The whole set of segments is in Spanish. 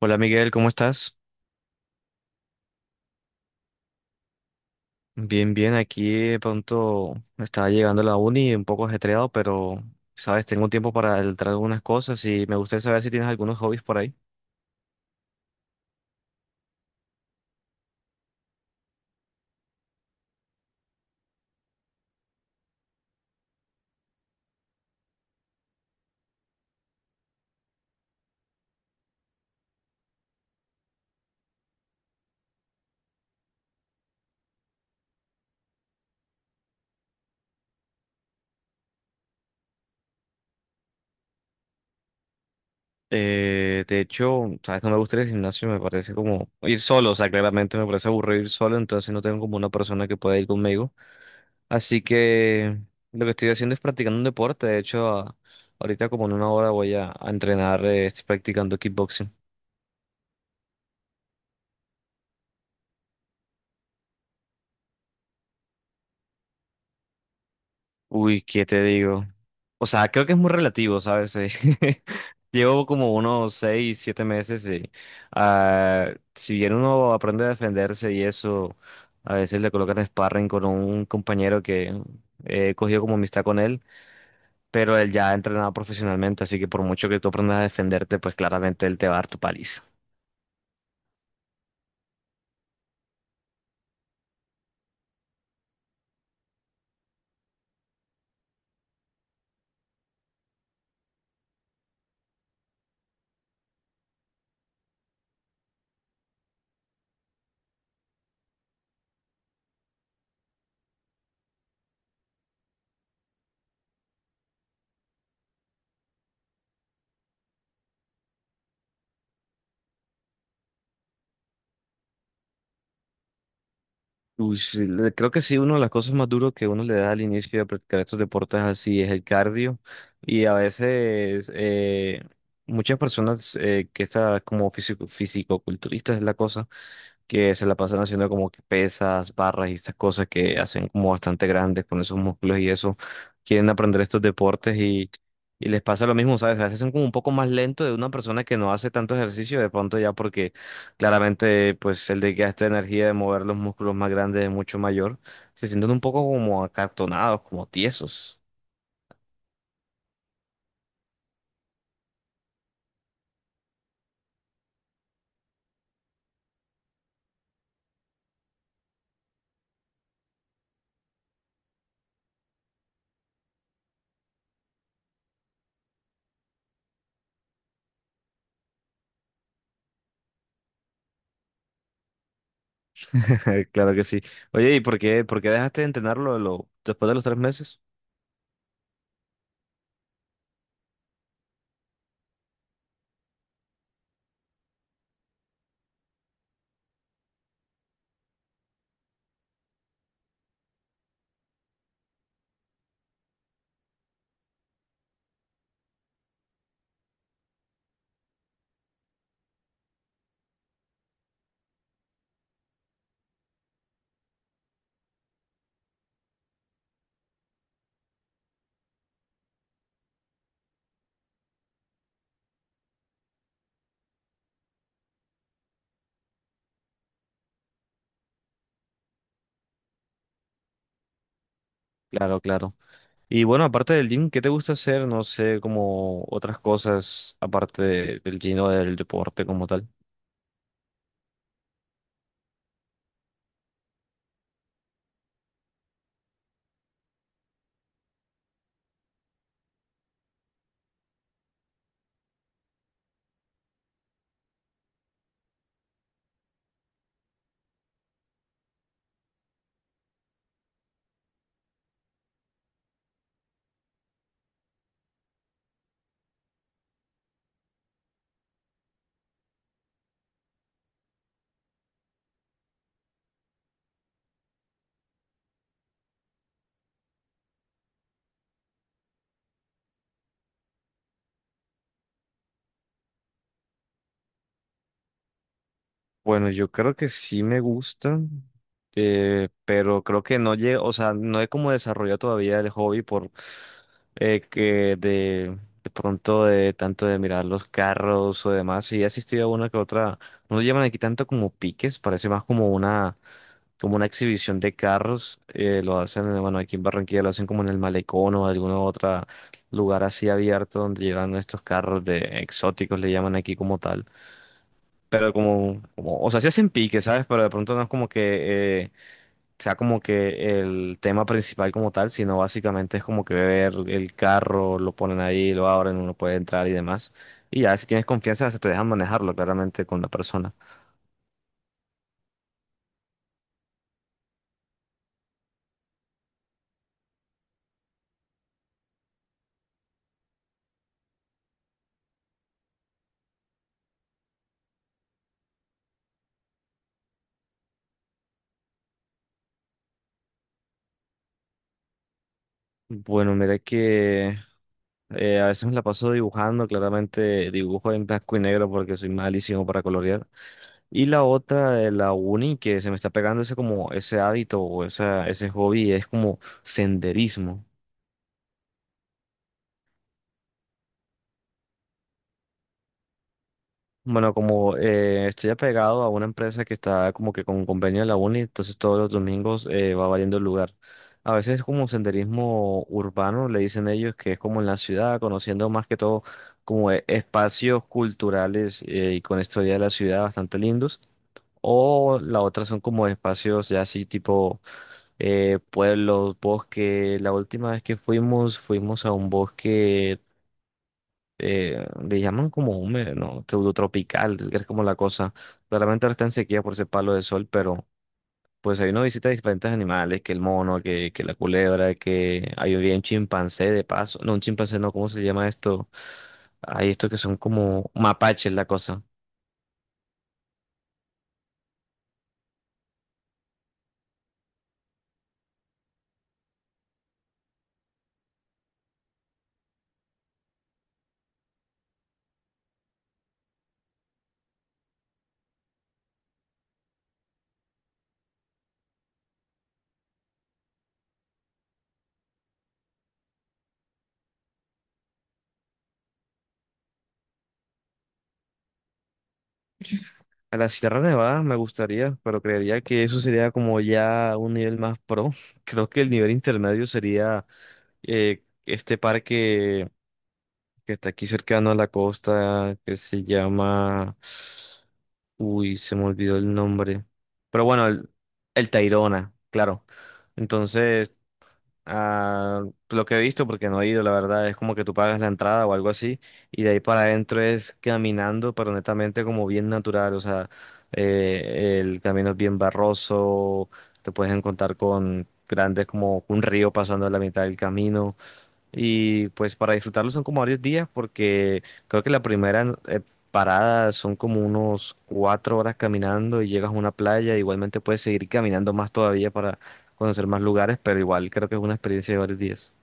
Hola Miguel, ¿cómo estás? Bien, bien, aquí de pronto estaba llegando a la uni un poco ajetreado, pero sabes, tengo tiempo para entrar algunas cosas y me gustaría saber si tienes algunos hobbies por ahí. De hecho, sabes, no me gusta ir al gimnasio, me parece como ir solo, o sea, claramente me parece aburrido ir solo, entonces no tengo como una persona que pueda ir conmigo. Así que lo que estoy haciendo es practicando un deporte, de hecho, ahorita como en una hora voy a entrenar, estoy practicando kickboxing. Uy, ¿qué te digo? O sea, creo que es muy relativo, ¿sabes? Llevo como unos 6, 7 meses y si bien uno aprende a defenderse y eso, a veces le colocan sparring con un compañero que he cogido como amistad con él, pero él ya ha entrenado profesionalmente, así que por mucho que tú aprendas a defenderte, pues claramente él te va a dar tu paliza. Uy, sí, creo que sí, una de las cosas más duras que uno le da al inicio de practicar estos deportes así es el cardio. Y a veces muchas personas que están como físico, fisicoculturistas es la cosa, que se la pasan haciendo como que pesas, barras y estas cosas que hacen como bastante grandes con esos músculos y eso, quieren aprender estos deportes y les pasa lo mismo, ¿sabes? A veces son como un poco más lento de una persona que no hace tanto ejercicio de pronto ya porque claramente pues el desgaste de energía de mover los músculos más grandes es mucho mayor, se sienten un poco como acartonados, como tiesos. Claro que sí. Oye, ¿y por qué dejaste de entrenarlo después de los 3 meses? Claro, claro. Y bueno, aparte del gym, ¿qué te gusta hacer? No sé, como otras cosas aparte del gym o del deporte como tal. Bueno, yo creo que sí me gusta, pero creo que no llego, o sea, no he como desarrollado todavía el hobby por que de pronto de tanto de mirar los carros o demás. Sí he asistido a una que otra, no lo llaman aquí tanto como piques, parece más como una exhibición de carros. Lo hacen, bueno, aquí en Barranquilla lo hacen como en el Malecón o algún otro lugar así abierto donde llevan estos carros de exóticos, le llaman aquí como tal. Pero o sea, sí hacen pique, ¿sabes? Pero de pronto no es como que sea como que el tema principal como tal, sino básicamente es como que ver el carro, lo ponen ahí, lo abren, uno puede entrar y demás. Y ya si tienes confianza, se te dejan manejarlo claramente con la persona. Bueno, mira que a veces me la paso dibujando, claramente dibujo en blanco y negro porque soy malísimo para colorear. Y la otra, la uni, que se me está pegando ese como ese hábito o esa, ese hobby, es como senderismo. Bueno, como estoy apegado a una empresa que está como que con convenio de la uni, entonces todos los domingos va variando el lugar. A veces es como senderismo urbano, le dicen ellos, que es como en la ciudad, conociendo más que todo como espacios culturales y con historia de la ciudad bastante lindos. O la otra son como espacios ya así tipo pueblos, bosque. La última vez que fuimos, fuimos a un bosque le llaman como húmedo, ¿no? Pseudotropical, es como la cosa. Claramente ahora está en sequía por ese palo de sol, pero pues ahí uno visita diferentes animales, que el mono, que la culebra, que ahí había un chimpancé de paso. No, un chimpancé no, ¿cómo se llama esto? Hay estos que son como mapaches, la cosa. A la Sierra Nevada me gustaría, pero creería que eso sería como ya un nivel más pro. Creo que el nivel intermedio sería este parque que está aquí cercano a la costa, que se llama... Uy, se me olvidó el nombre. Pero bueno, el Tayrona, claro. Entonces, ah, pues, lo que he visto, porque no he ido, la verdad, es como que tú pagas la entrada o algo así, y de ahí para adentro es caminando, pero netamente como bien natural, o sea, el camino es bien barroso, te puedes encontrar con grandes como un río pasando a la mitad del camino. Y pues para disfrutarlo son como varios días porque creo que la primera parada son como unos 4 horas caminando y llegas a una playa. Igualmente puedes seguir caminando más todavía para conocer más lugares, pero igual creo que es una experiencia de varios días.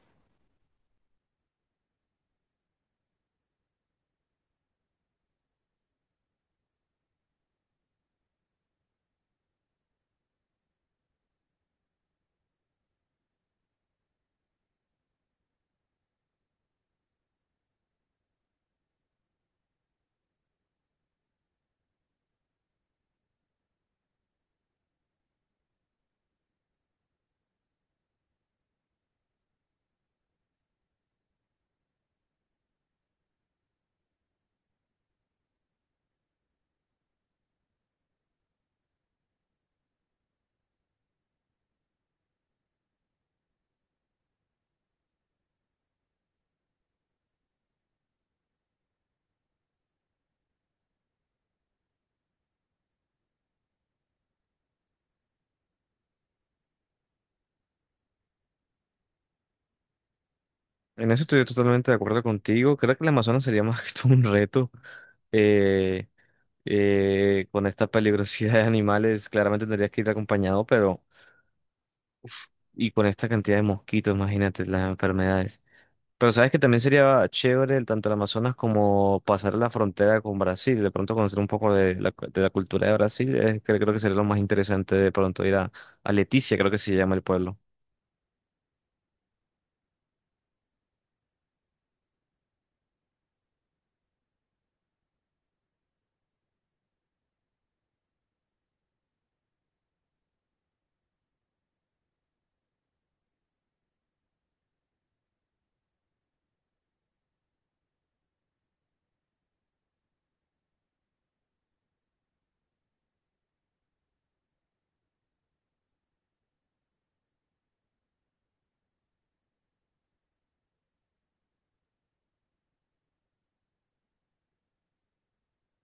En eso estoy totalmente de acuerdo contigo. Creo que el Amazonas sería más que todo un reto. eh, con esta peligrosidad de animales, claramente tendrías que ir acompañado, pero... uf, y con esta cantidad de mosquitos, imagínate las enfermedades. Pero sabes que también sería chévere tanto el Amazonas como pasar la frontera con Brasil, de pronto conocer un poco de la, de la cultura de Brasil, creo, que sería lo más interesante de pronto ir a Leticia, creo que se llama el pueblo.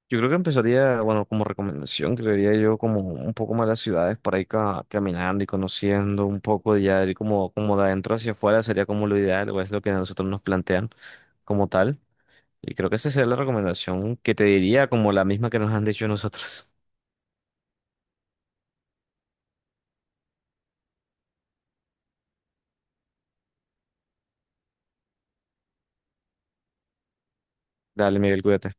Yo creo que empezaría, bueno, como recomendación, creería yo como un poco más las ciudades para ir caminando y conociendo un poco y ya ir como de adentro hacia afuera sería como lo ideal o es lo que a nosotros nos plantean como tal. Y creo que esa sería la recomendación que te diría como la misma que nos han dicho nosotros. Dale, Miguel, cuídate.